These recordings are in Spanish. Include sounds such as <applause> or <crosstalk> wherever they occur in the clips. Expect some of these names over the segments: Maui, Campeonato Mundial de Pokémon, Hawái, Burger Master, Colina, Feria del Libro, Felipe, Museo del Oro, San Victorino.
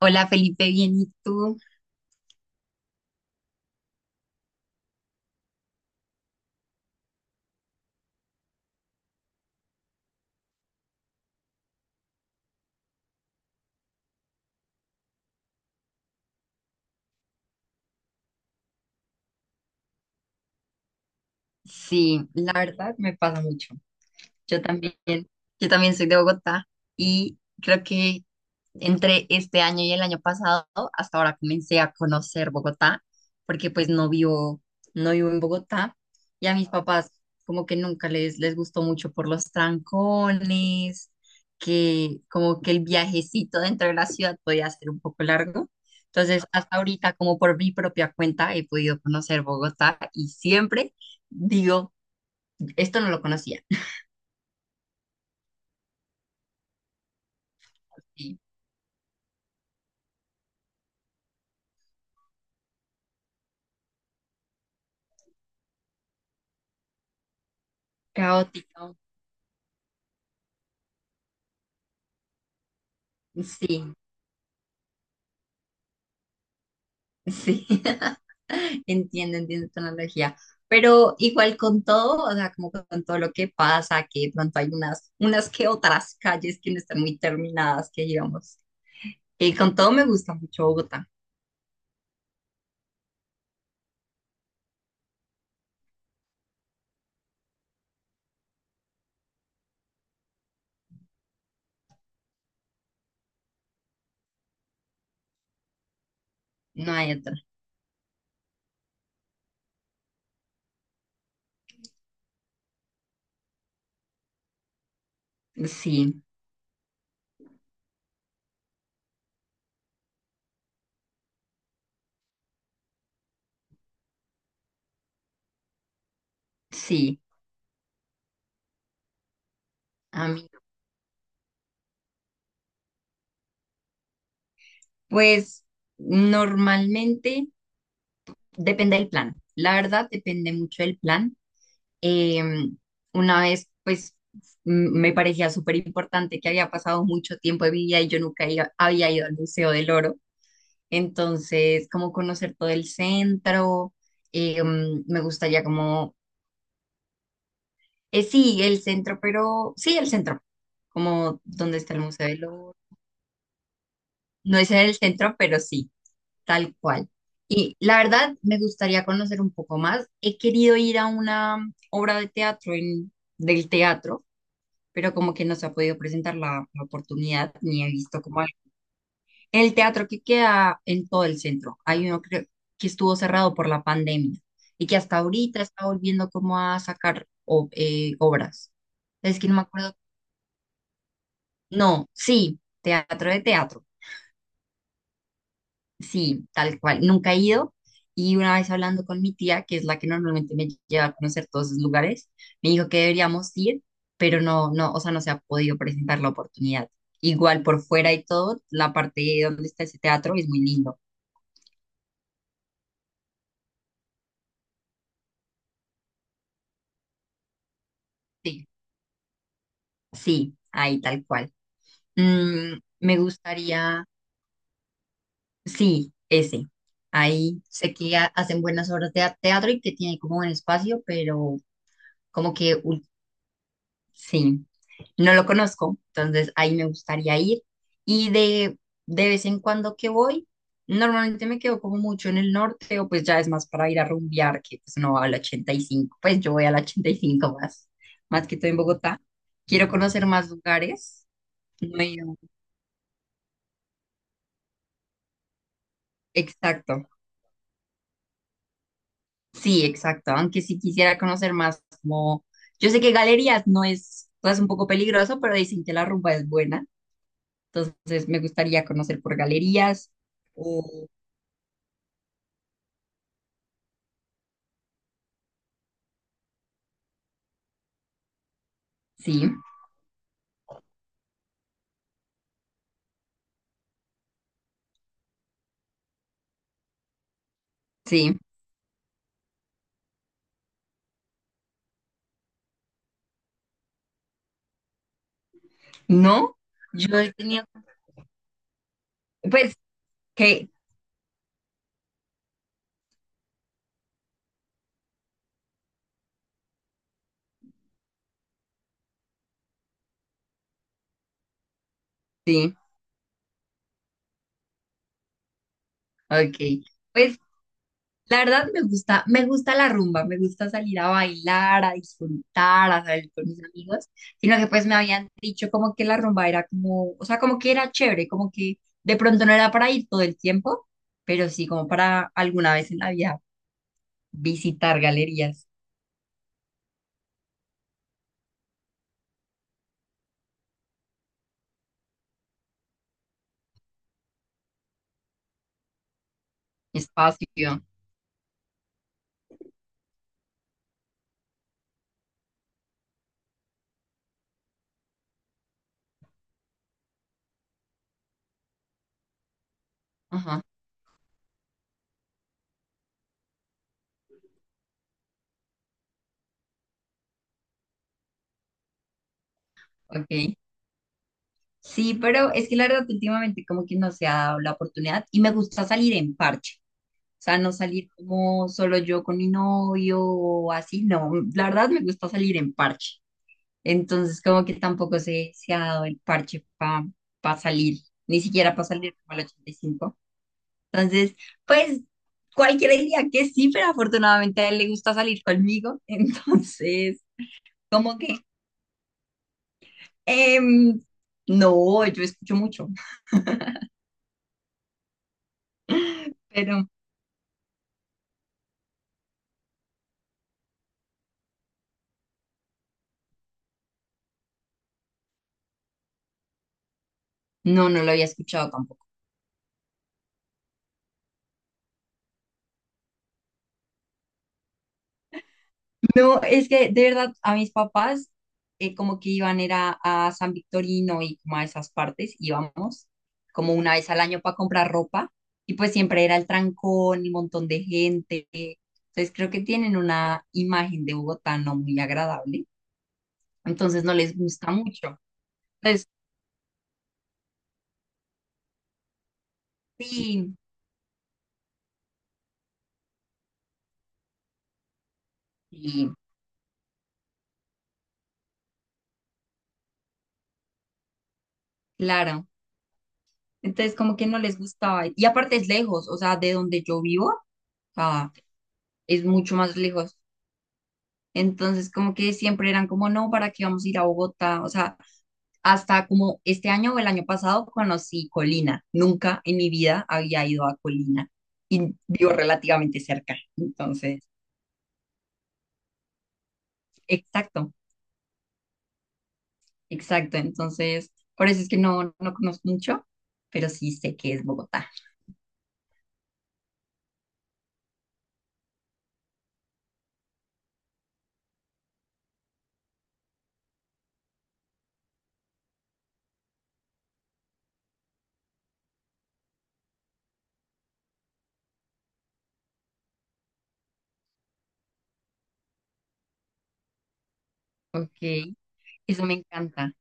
Hola Felipe, bien, ¿y tú? Sí, la verdad me pasa mucho. Yo también, yo también soy de Bogotá y creo que entre este año y el año pasado, hasta ahora comencé a conocer Bogotá, porque pues no vivo, no vivo en Bogotá y a mis papás como que nunca les gustó mucho por los trancones, que como que el viajecito dentro de la ciudad podía ser un poco largo. Entonces, hasta ahorita, como por mi propia cuenta, he podido conocer Bogotá y siempre digo, esto no lo conocía. Sí, caótico, sí. Sí, <laughs> entiendo, entiendo tu analogía. Pero igual con todo, o sea, como con todo lo que pasa, que de pronto hay unas, unas que otras calles que no están muy terminadas, que digamos. Y con todo me gusta mucho Bogotá, no hay otra. Sí, sí, a mí. Pues normalmente depende del plan. La verdad, depende mucho del plan. Eh, una vez, pues, me parecía súper importante que había pasado mucho tiempo de mi vida y yo nunca iba- había ido al Museo del Oro. Entonces, como conocer todo el centro, me gustaría sí, el centro, pero sí, el centro, como donde está el Museo del Oro. No es en el centro, pero sí, tal cual. Y la verdad, me gustaría conocer un poco más. He querido ir a una obra de teatro en, del teatro, pero como que no se ha podido presentar la oportunidad ni he visto como el teatro que queda en todo el centro. Hay uno, creo, que estuvo cerrado por la pandemia y que hasta ahorita está volviendo como a obras. Es que no me acuerdo. No, sí, teatro de teatro. Sí, tal cual. Nunca he ido. Y una vez hablando con mi tía, que es la que normalmente me lleva a conocer todos esos lugares, me dijo que deberíamos ir, pero no, no, o sea, no se ha podido presentar la oportunidad. Igual por fuera y todo, la parte donde está ese teatro es muy lindo. Sí, sí, ahí tal cual. Me gustaría, sí, ese. Ahí sé que hacen buenas obras de teatro y que tiene como un espacio, pero como que, ul- sí, no lo conozco, entonces ahí me gustaría ir. Y de, de vez en cuando que voy, normalmente me quedo como mucho en el norte, o pues ya es más para ir a rumbear, que pues no va al 85, pues yo voy al 85 más, más que todo en Bogotá. Quiero conocer más lugares. No he ido- Exacto, sí, exacto, aunque sí quisiera conocer más como, yo sé que galerías no es, o sea, es un poco peligroso, pero dicen que la rumba es buena, entonces me gustaría conocer por galerías o... Sí, sí, no, yo he tenido, pues, que, sí, ok, pues, la verdad me gusta la rumba, me gusta salir a bailar, a disfrutar, a salir con mis amigos, sino que pues me habían dicho como que la rumba era como, o sea, como que era chévere, como que de pronto no era para ir todo el tiempo, pero sí como para alguna vez en la vida visitar galerías, espacio, ajá, ok. Sí, pero es que la verdad últimamente como que no se ha dado la oportunidad y me gusta salir en parche. O sea, no salir como solo yo con mi novio o así, no. La verdad me gusta salir en parche. Entonces, como que tampoco se ha dado el parche para salir, ni siquiera para salir como el 85. Entonces, pues cualquiera diría que sí, pero afortunadamente a él le gusta salir conmigo. <laughs> Entonces, como que, em, no, yo escucho mucho, pero no, no lo había escuchado. No, es que de verdad a mis papás como que iban era a San Victorino y como a esas partes íbamos como una vez al año para comprar ropa, y pues siempre era el trancón y un montón de gente. Entonces creo que tienen una imagen de Bogotá no muy agradable, entonces no les gusta mucho. Entonces sí, sí, claro. Entonces como que no les gustaba. Y aparte es lejos, o sea, de donde yo vivo, o es mucho más lejos. Entonces, como que siempre eran como, no, ¿para qué vamos a ir a Bogotá? O sea, hasta como este año o el año pasado conocí Colina. Nunca en mi vida había ido a Colina y vivo relativamente cerca. Entonces, exacto. Exacto, entonces, por eso es que no, no conozco mucho, pero sí sé que es Bogotá. Ok, eso me encanta.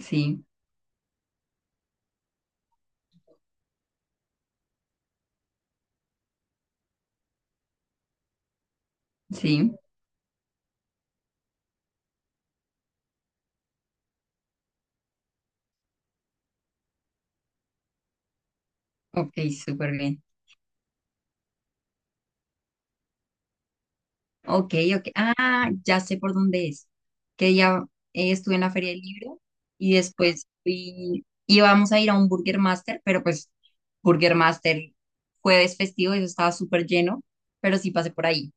Sí, sí. Ok, súper bien. Ok, ok. Ah, ya sé por dónde es. Que ya estuve en la Feria del Libro y después fui, íbamos a ir a un Burger Master, pero pues Burger Master jueves festivo, eso estaba súper lleno, pero sí pasé por ahí.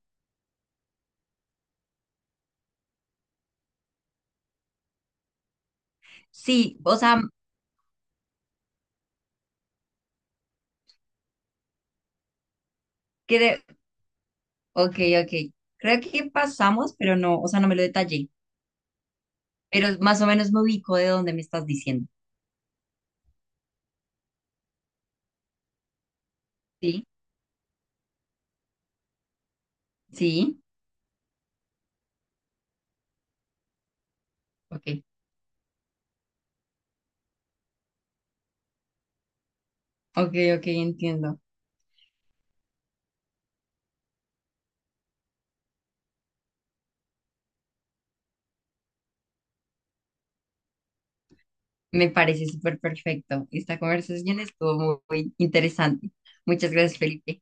Sí, o sea, creo, ok, ok. Creo que pasamos, pero no, o sea, no me lo detallé, pero más o menos me ubico de dónde me estás diciendo. Sí, sí, ok, ok, ok, entiendo. Me parece súper perfecto. Esta conversación estuvo muy muy interesante. Muchas gracias, Felipe.